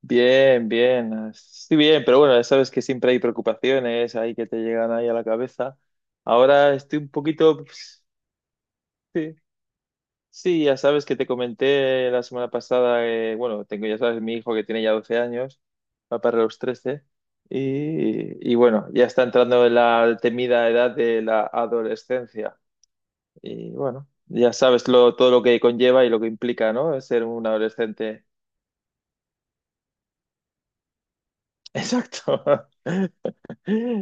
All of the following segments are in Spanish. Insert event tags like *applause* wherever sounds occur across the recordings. Bien, bien, estoy bien, pero bueno, ya sabes que siempre hay preocupaciones ahí que te llegan ahí a la cabeza. Ahora estoy un poquito, pues, sí, sí, ya sabes que te comenté la semana pasada, bueno, tengo, ya sabes, mi hijo que tiene ya 12 años, va para los 13 y bueno, ya está entrando en la temida edad de la adolescencia. Y bueno, ya sabes todo lo que conlleva y lo que implica, ¿no? Ser un adolescente. *laughs* Exacto.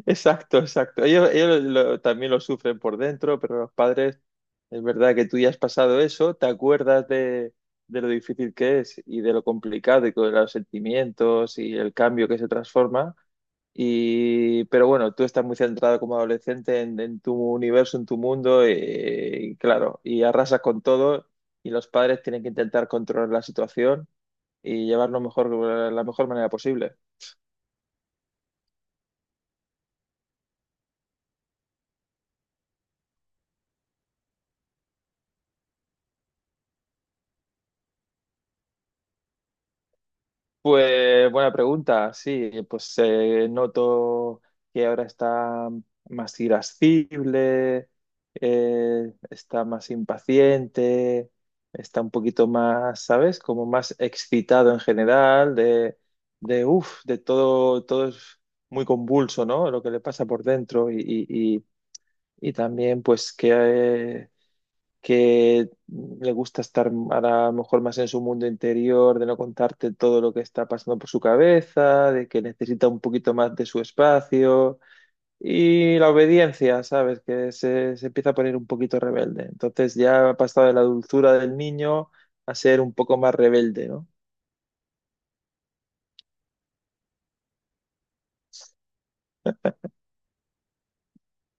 Exacto, exacto. Ellos también lo sufren por dentro, pero los padres, es verdad que tú ya has pasado eso, te acuerdas de lo difícil que es y de lo complicado y con los sentimientos y el cambio que se transforma. Y, pero bueno, tú estás muy centrado como adolescente en tu universo, en tu mundo, y claro, y arrasas con todo y los padres tienen que intentar controlar la situación y llevarlo mejor, la mejor manera posible. Pues buena pregunta, sí, pues noto que ahora está más irascible, está más impaciente, está un poquito más, ¿sabes? Como más excitado en general, de uff, de todo, todo es muy convulso, ¿no? Lo que le pasa por dentro y- y también pues que le gusta estar ahora a lo mejor más en su mundo interior, de no contarte todo lo que está pasando por su cabeza, de que necesita un poquito más de su espacio y la obediencia, ¿sabes? Que se empieza a poner un poquito rebelde. Entonces ya ha pasado de la dulzura del niño a ser un poco más rebelde, ¿no?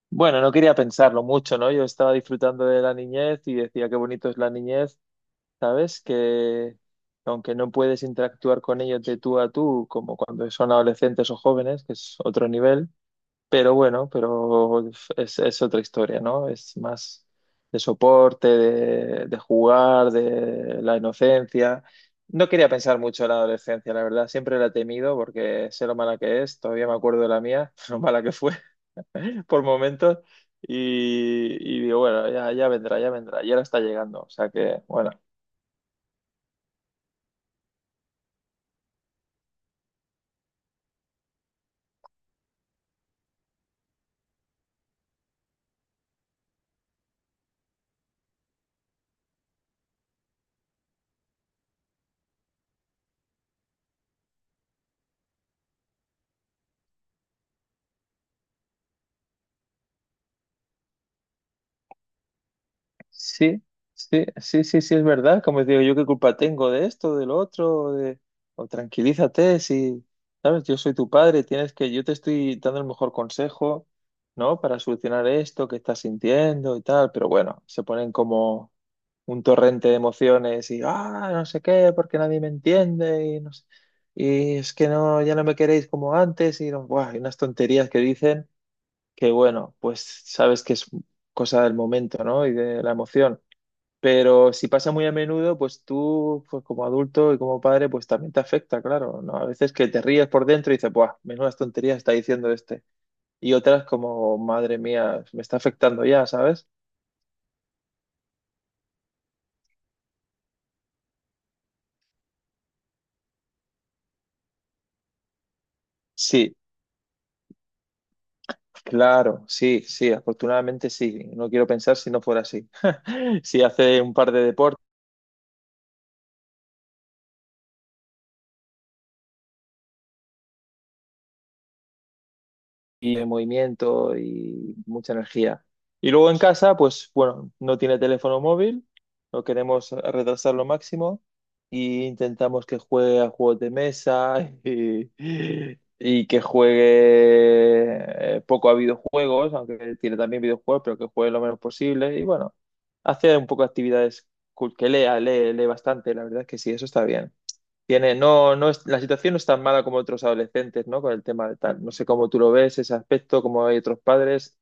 Bueno, no quería pensarlo mucho, ¿no? Yo estaba disfrutando de la niñez y decía qué bonito es la niñez, ¿sabes? Que aunque no puedes interactuar con ellos de tú a tú, como cuando son adolescentes o jóvenes, que es otro nivel, pero bueno, pero es otra historia, ¿no? Es más de soporte, de jugar, de la inocencia. No quería pensar mucho en la adolescencia, la verdad, siempre la he temido porque sé lo mala que es, todavía me acuerdo de la mía, *laughs* lo mala que fue por momentos, y digo, bueno, ya, ya vendrá, y ahora está llegando, o sea que, bueno. Sí, sí, sí, sí, sí, es verdad. Como digo, yo qué culpa tengo de esto, del otro, de... o tranquilízate, si, sabes, yo soy tu padre, tienes que, yo te estoy dando el mejor consejo, ¿no? Para solucionar esto que estás sintiendo y tal, pero bueno, se ponen como un torrente de emociones y, ah, no sé qué, porque nadie me entiende y no y es que no, ya no me queréis como antes buah, hay unas tonterías que dicen que, bueno, pues sabes que es cosa del momento, ¿no? Y de la emoción. Pero si pasa muy a menudo, pues tú, pues como adulto y como padre, pues también te afecta, claro, ¿no? A veces que te ríes por dentro y dices, ¡buah! Menudas tonterías está diciendo este. Y otras como, madre mía, me está afectando ya, ¿sabes? Sí, claro, sí, sí, afortunadamente sí. No quiero pensar si no fuera así. *laughs* Si hace un par de deportes y el movimiento y mucha energía. Y luego en casa, pues bueno, no tiene teléfono móvil, lo queremos retrasar lo máximo y intentamos que juegue a juegos de mesa *laughs* y que juegue poco a videojuegos, aunque tiene también videojuegos, pero que juegue lo menos posible. Y bueno, hace un poco de actividades cool, que lea, lee, lee bastante, la verdad es que sí, eso está bien. Tiene, no, no es, la situación no es tan mala como otros adolescentes, ¿no? Con el tema de tal. No sé cómo tú lo ves, ese aspecto, cómo hay otros padres.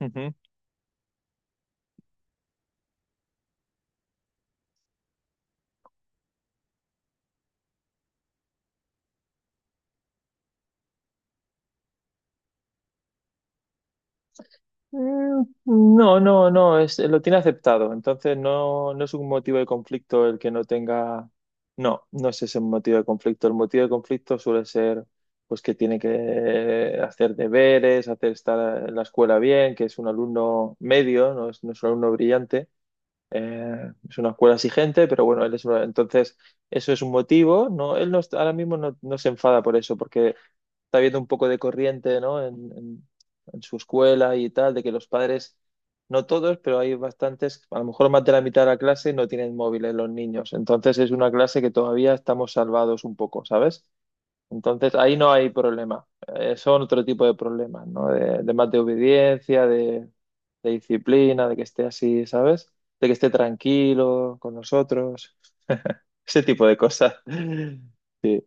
Ujú. Mm, no, no, no, es, lo tiene aceptado. Entonces no, no es un motivo de conflicto el que no tenga. No, no es ese motivo de conflicto. El motivo de conflicto suele ser pues que tiene que hacer deberes, hacer estar en la escuela bien, que es un alumno medio, no es, no es un alumno brillante. Es una escuela exigente, pero bueno, él es entonces eso es un motivo, ¿no? Él no, ahora mismo no, no se enfada por eso, porque está habiendo un poco de corriente, ¿no? En su escuela y tal, de que los padres, no todos, pero hay bastantes, a lo mejor más de la mitad de la clase no tienen móviles los niños. Entonces es una clase que todavía estamos salvados un poco, ¿sabes? Entonces ahí no hay problema. Son otro tipo de problemas, ¿no? De más de obediencia, de disciplina, de que esté así, ¿sabes? De que esté tranquilo con nosotros, ese tipo de cosas. *laughs* Sí.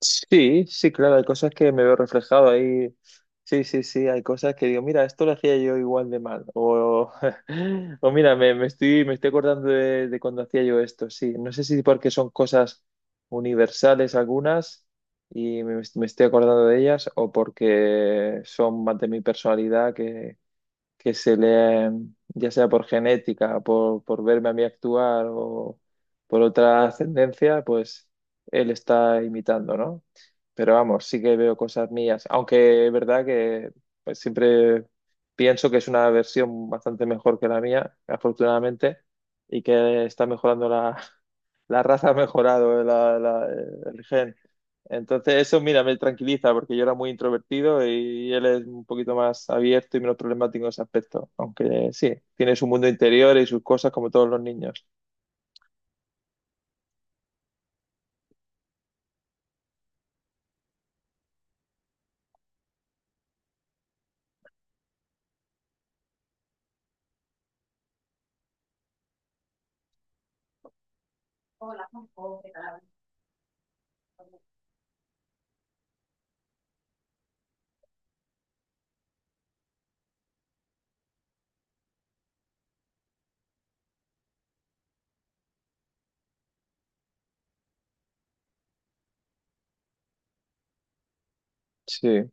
Sí, sí, claro, hay cosas que me veo reflejado ahí. Sí, sí, sí, hay cosas que digo, mira, esto lo hacía yo igual de mal. O, *laughs* o mira, me estoy acordando de cuando hacía yo esto. Sí, no sé si porque son cosas universales algunas y me estoy acordando de ellas o porque son más de mi personalidad que se le, ya sea por genética, por verme a mí actuar o por otra ascendencia, pues él está imitando, ¿no? Pero vamos, sí que veo cosas mías, aunque es verdad que pues, siempre pienso que es una versión bastante mejor que la mía, afortunadamente, y que está mejorando la, *laughs* la raza, ha mejorado el gen. Entonces eso, mira, me tranquiliza porque yo era muy introvertido y él es un poquito más abierto y menos problemático en ese aspecto. Aunque sí, tiene su mundo interior y sus cosas como todos los niños. Sí.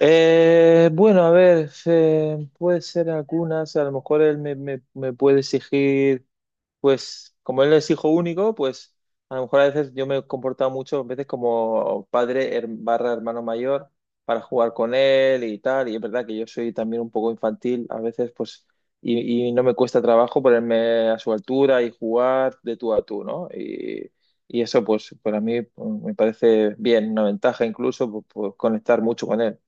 Bueno, a ver, puede ser algunas, a lo mejor él me puede exigir. Pues como él es hijo único, pues a lo mejor a veces yo me he comportado muchas veces como padre barra hermano mayor para jugar con él y tal, y es verdad que yo soy también un poco infantil a veces, pues, y no me cuesta trabajo ponerme a su altura y jugar de tú a tú, ¿no? Y eso, pues, para mí pues, me parece bien, una ventaja incluso, pues, pues, conectar mucho con él.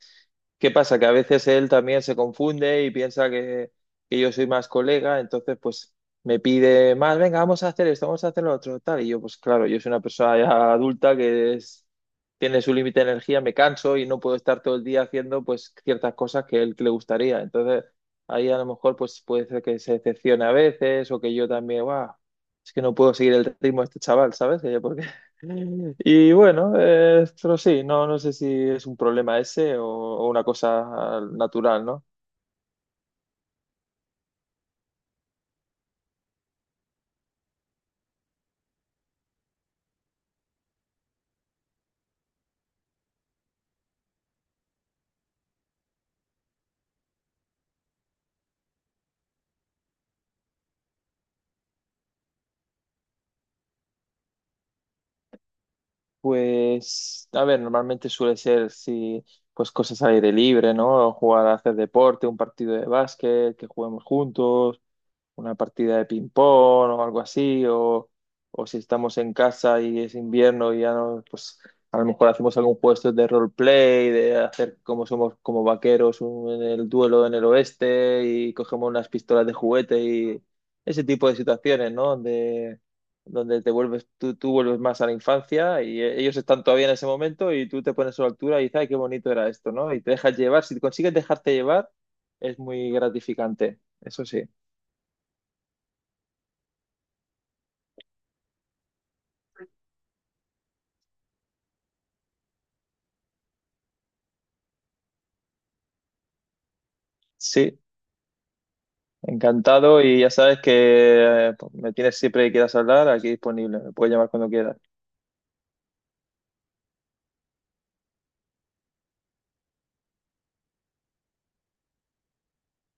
¿Qué pasa? Que a veces él también se confunde y piensa que yo soy más colega, entonces pues me pide más, venga, vamos a hacer esto, vamos a hacer lo otro, tal. Y yo, pues claro, yo soy una persona ya adulta que tiene su límite de energía, me canso y no puedo estar todo el día haciendo pues ciertas cosas que él que le gustaría. Entonces ahí a lo mejor pues puede ser que se decepcione a veces o que yo también, guau, es que no puedo seguir el ritmo de este chaval, ¿sabes? Y bueno, pero sí, no, no sé si es un problema ese o una cosa natural, ¿no? Pues, a ver, normalmente suele ser si, pues cosas al aire libre, ¿no? Jugar a hacer deporte, un partido de básquet, que juguemos juntos, una partida de ping-pong o algo así, o si estamos en casa y es invierno y ya no, pues a lo mejor hacemos algún juego de estos de roleplay, de hacer como somos como vaqueros en el duelo en el oeste y cogemos unas pistolas de juguete y ese tipo de situaciones, ¿no? Donde, donde te vuelves, tú vuelves más a la infancia y ellos están todavía en ese momento y tú te pones a su altura y dices, ay, qué bonito era esto, ¿no? Y te dejas llevar, si consigues dejarte llevar, es muy gratificante, eso sí. Sí, encantado y ya sabes que pues, me tienes siempre que quieras hablar, aquí disponible, me puedes llamar cuando quieras.